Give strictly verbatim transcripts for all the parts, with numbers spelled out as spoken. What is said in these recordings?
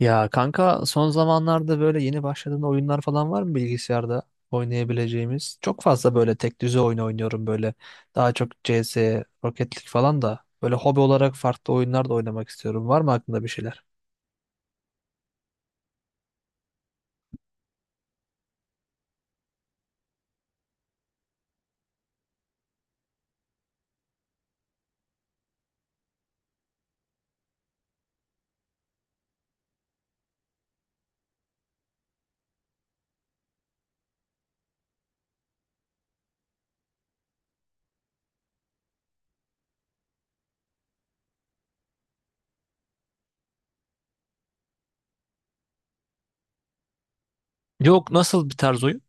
Ya kanka, son zamanlarda böyle yeni başladığın oyunlar falan var mı bilgisayarda oynayabileceğimiz? Çok fazla böyle tek düze oyun oynuyorum böyle. Daha çok C S, Rocket League falan da. Böyle hobi olarak farklı oyunlar da oynamak istiyorum. Var mı aklında bir şeyler? Yok, nasıl bir tarz oyun?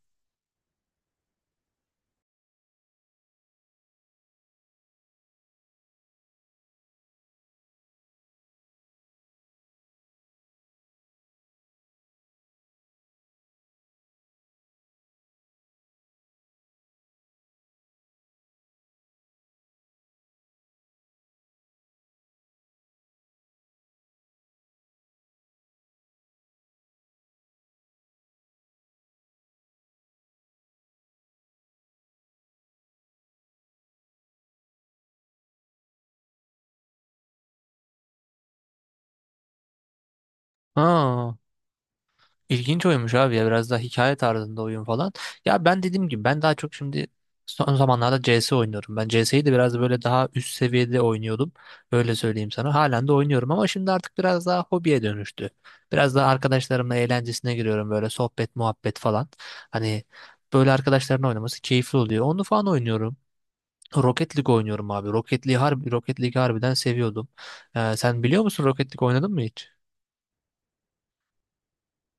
Ha. İlginç oyunmuş abi ya, biraz daha hikaye tarzında oyun falan. Ya, ben dediğim gibi ben daha çok şimdi son zamanlarda C S oynuyorum. Ben C S'yi de biraz böyle daha üst seviyede oynuyordum. Öyle söyleyeyim sana. Halen de oynuyorum ama şimdi artık biraz daha hobiye dönüştü. Biraz daha arkadaşlarımla eğlencesine giriyorum böyle, sohbet muhabbet falan. Hani böyle arkadaşların oynaması keyifli oluyor. Onu falan oynuyorum. Rocket League oynuyorum abi. Rocket League harbi, Rocket League harbiden seviyordum. Ee, sen biliyor musun, Rocket League oynadın mı hiç?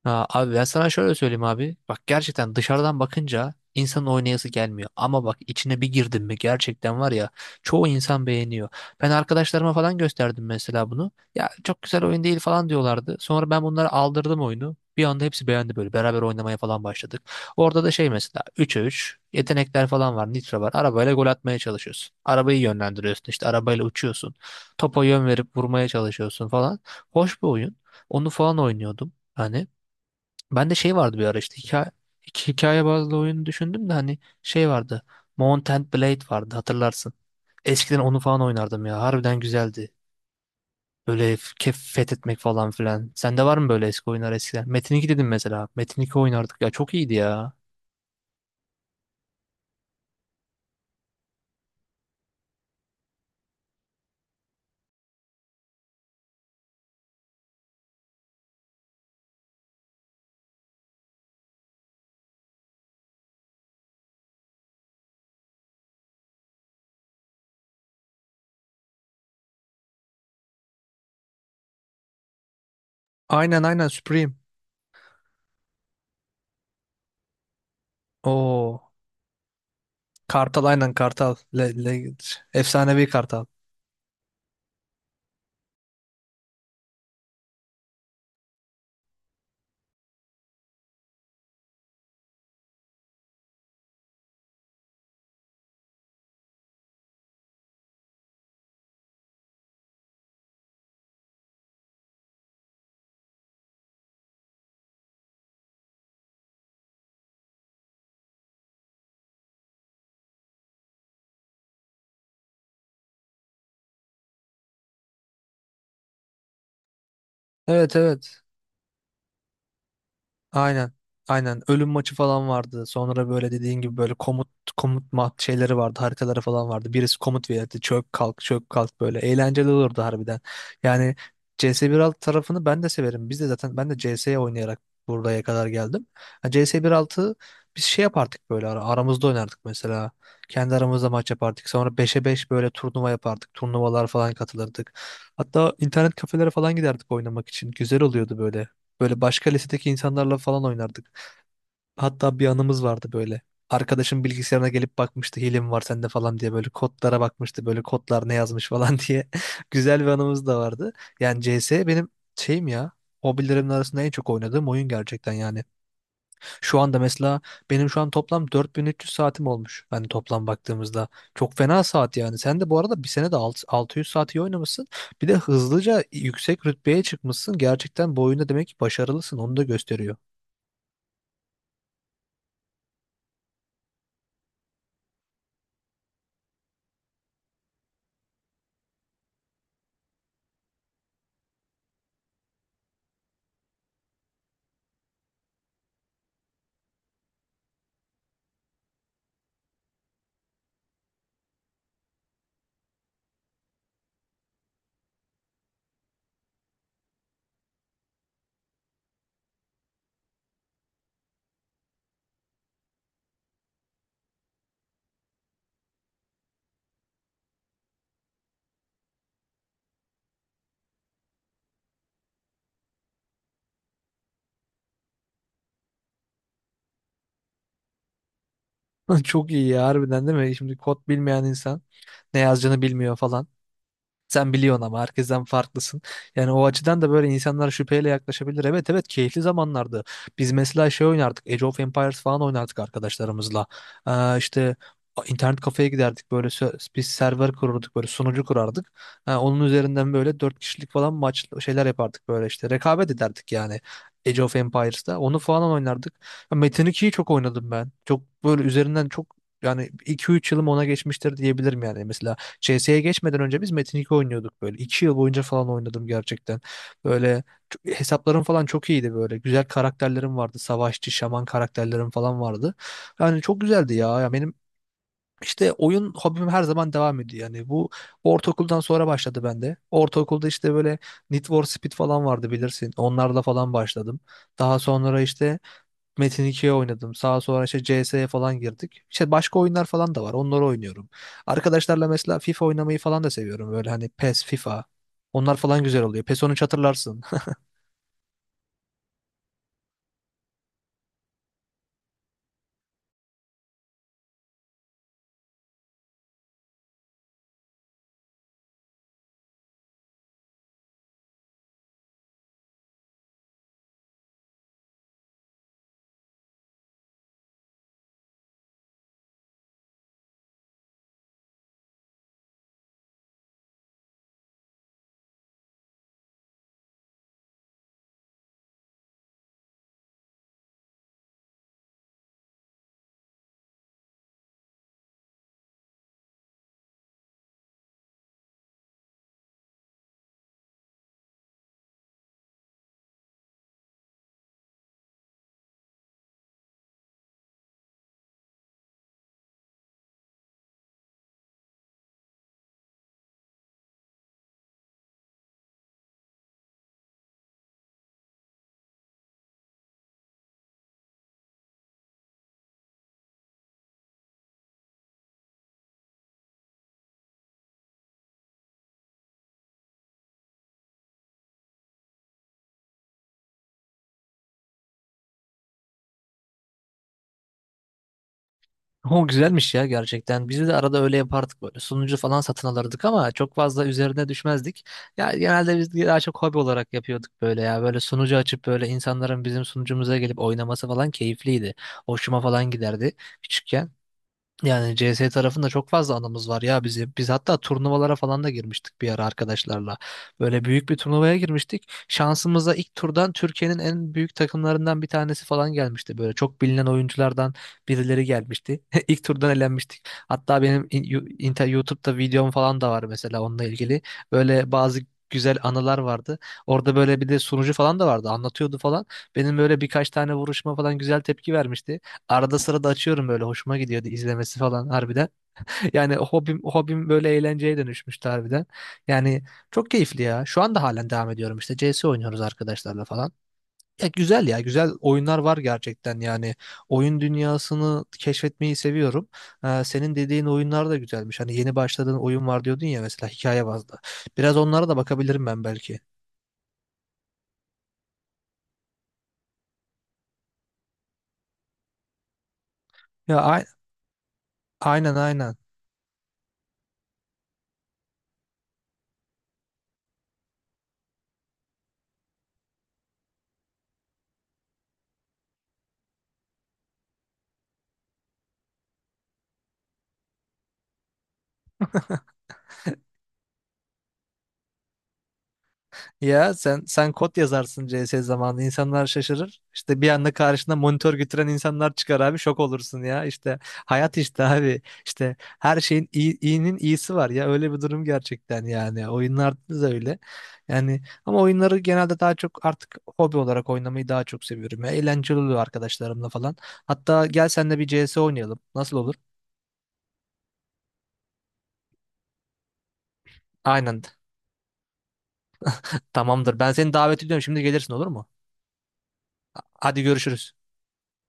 Ha, abi, ben sana şöyle söyleyeyim abi. Bak, gerçekten dışarıdan bakınca insanın oynayası gelmiyor. Ama bak, içine bir girdin mi gerçekten var ya, çoğu insan beğeniyor. Ben arkadaşlarıma falan gösterdim mesela bunu. Ya çok güzel oyun değil falan diyorlardı. Sonra ben bunlara aldırdım oyunu. Bir anda hepsi beğendi böyle. Beraber oynamaya falan başladık. Orada da şey mesela, üçe üç yetenekler falan var. Nitro var. Arabayla gol atmaya çalışıyorsun. Arabayı yönlendiriyorsun, işte arabayla uçuyorsun. Topa yön verip vurmaya çalışıyorsun falan. Hoş bir oyun. Onu falan oynuyordum. Hani ben de şey vardı bir ara, işte hikaye, iki hikaye bazlı oyunu düşündüm de, hani şey vardı. Mount and Blade vardı, hatırlarsın. Eskiden onu falan oynardım ya. Harbiden güzeldi. Böyle f- kef fethetmek falan filan. Sende var mı böyle eski oyunlar eskiden? Metin iki dedim mesela. Metin iki oynardık ya. Çok iyiydi ya. Aynen, aynen Supreme. Oo. Kartal, aynen Kartal. Le, le, efsanevi Kartal. Evet, evet. Aynen. Aynen. Ölüm maçı falan vardı. Sonra böyle dediğin gibi böyle komut komut mat şeyleri vardı. Haritaları falan vardı. Birisi komut verirdi. Çök kalk, çök kalk böyle. Eğlenceli olurdu harbiden. Yani C S bir nokta altı tarafını ben de severim. Biz de zaten, ben de C S oynayarak buraya kadar geldim. Ha, C S bir nokta altı biz şey yapardık böyle, ara- aramızda oynardık mesela. Kendi aramızda maç yapardık. Sonra beşe beş böyle turnuva yapardık. Turnuvalar falan katılırdık. Hatta internet kafelere falan giderdik oynamak için. Güzel oluyordu böyle. Böyle başka lisedeki insanlarla falan oynardık. Hatta bir anımız vardı böyle. Arkadaşım bilgisayarına gelip bakmıştı, hile mi var sende falan diye, böyle kodlara bakmıştı, böyle kodlar ne yazmış falan diye. Güzel bir anımız da vardı. Yani C S benim şeyim ya, hobilerimin arasında en çok oynadığım oyun gerçekten yani. Şu anda mesela, benim şu an toplam dört bin üç yüz saatim olmuş. Hani toplam baktığımızda çok fena saat yani. Sen de bu arada bir sene de alt- altı yüz saat iyi oynamışsın. Bir de hızlıca yüksek rütbeye çıkmışsın. Gerçekten bu oyunda demek ki başarılısın. Onu da gösteriyor. Çok iyi ya, harbiden değil mi? Şimdi kod bilmeyen insan ne yazacağını bilmiyor falan. Sen biliyorsun ama herkesten farklısın. Yani o açıdan da böyle insanlar şüpheyle yaklaşabilir. Evet, evet, keyifli zamanlardı. Biz mesela şey oynardık, Age of Empires falan oynardık arkadaşlarımızla. Ee, işte internet kafeye giderdik. Böyle sö- biz server kururduk. Böyle sunucu kurardık. Ha, onun üzerinden böyle dört kişilik falan maç şeyler yapardık böyle işte. Rekabet ederdik yani. Age of Empires'ta. Onu falan oynardık. Ya Metin ikiyi çok oynadım ben. Çok böyle, üzerinden çok, yani iki üç yılım ona geçmiştir diyebilirim yani. Mesela C S'ye geçmeden önce biz Metin iki oynuyorduk böyle. iki yıl boyunca falan oynadım gerçekten. Böyle ç- hesaplarım falan çok iyiydi böyle. Güzel karakterlerim vardı. Savaşçı, şaman karakterlerim falan vardı. Yani çok güzeldi ya. Ya benim işte oyun hobim her zaman devam ediyor. Yani bu ortaokuldan sonra başladı bende. Ortaokulda işte böyle Need for Speed falan vardı, bilirsin. Onlarla falan başladım. Daha sonra işte Metin ikiye oynadım. Sağa sonra işte C S'ye falan girdik. İşte başka oyunlar falan da var. Onları oynuyorum. Arkadaşlarla mesela FIFA oynamayı falan da seviyorum. Böyle hani PES, FIFA. Onlar falan güzel oluyor. PES on üç hatırlarsın. O güzelmiş ya gerçekten. Biz de arada öyle yapardık böyle. Sunucu falan satın alırdık ama çok fazla üzerine düşmezdik. Ya genelde biz daha çok hobi olarak yapıyorduk böyle ya. Böyle sunucu açıp böyle insanların bizim sunucumuza gelip oynaması falan keyifliydi. Hoşuma falan giderdi küçükken. Yani C S tarafında çok fazla anımız var ya bizim. Biz hatta turnuvalara falan da girmiştik bir ara arkadaşlarla. Böyle büyük bir turnuvaya girmiştik. Şansımıza ilk turdan Türkiye'nin en büyük takımlarından bir tanesi falan gelmişti. Böyle çok bilinen oyunculardan birileri gelmişti. İlk turdan elenmiştik. Hatta benim in- yu- inter- YouTube'da videom falan da var mesela onunla ilgili. Böyle bazı güzel anılar vardı. Orada böyle bir de sunucu falan da vardı. Anlatıyordu falan. Benim böyle birkaç tane vuruşma falan güzel tepki vermişti. Arada sırada açıyorum, böyle hoşuma gidiyordu izlemesi falan harbiden. Yani hobim hobim böyle eğlenceye dönüşmüştü harbiden. Yani çok keyifli ya. Şu anda halen devam ediyorum, işte C S oynuyoruz arkadaşlarla falan. Ya güzel, ya güzel oyunlar var gerçekten yani. Oyun dünyasını keşfetmeyi seviyorum. Ee, senin dediğin oyunlar da güzelmiş. Hani yeni başladığın oyun var diyordun ya, mesela hikaye bazlı. Biraz onlara da bakabilirim ben belki. Ya a- aynen, aynen. Ya sen sen kod yazarsın C S zamanında, insanlar şaşırır. İşte bir anda karşına monitör götüren insanlar çıkar abi, şok olursun ya. İşte hayat işte abi. İşte her şeyin iyi, iyinin iyisi var ya, öyle bir durum gerçekten yani. Oyunlarda da öyle. Yani ama oyunları genelde daha çok artık hobi olarak oynamayı daha çok seviyorum ya. Eğlenceli oluyor arkadaşlarımla falan. Hatta gel seninle bir C S oynayalım. Nasıl olur? Aynen. Tamamdır. Ben seni davet ediyorum. Şimdi gelirsin olur mu? Hadi, görüşürüz.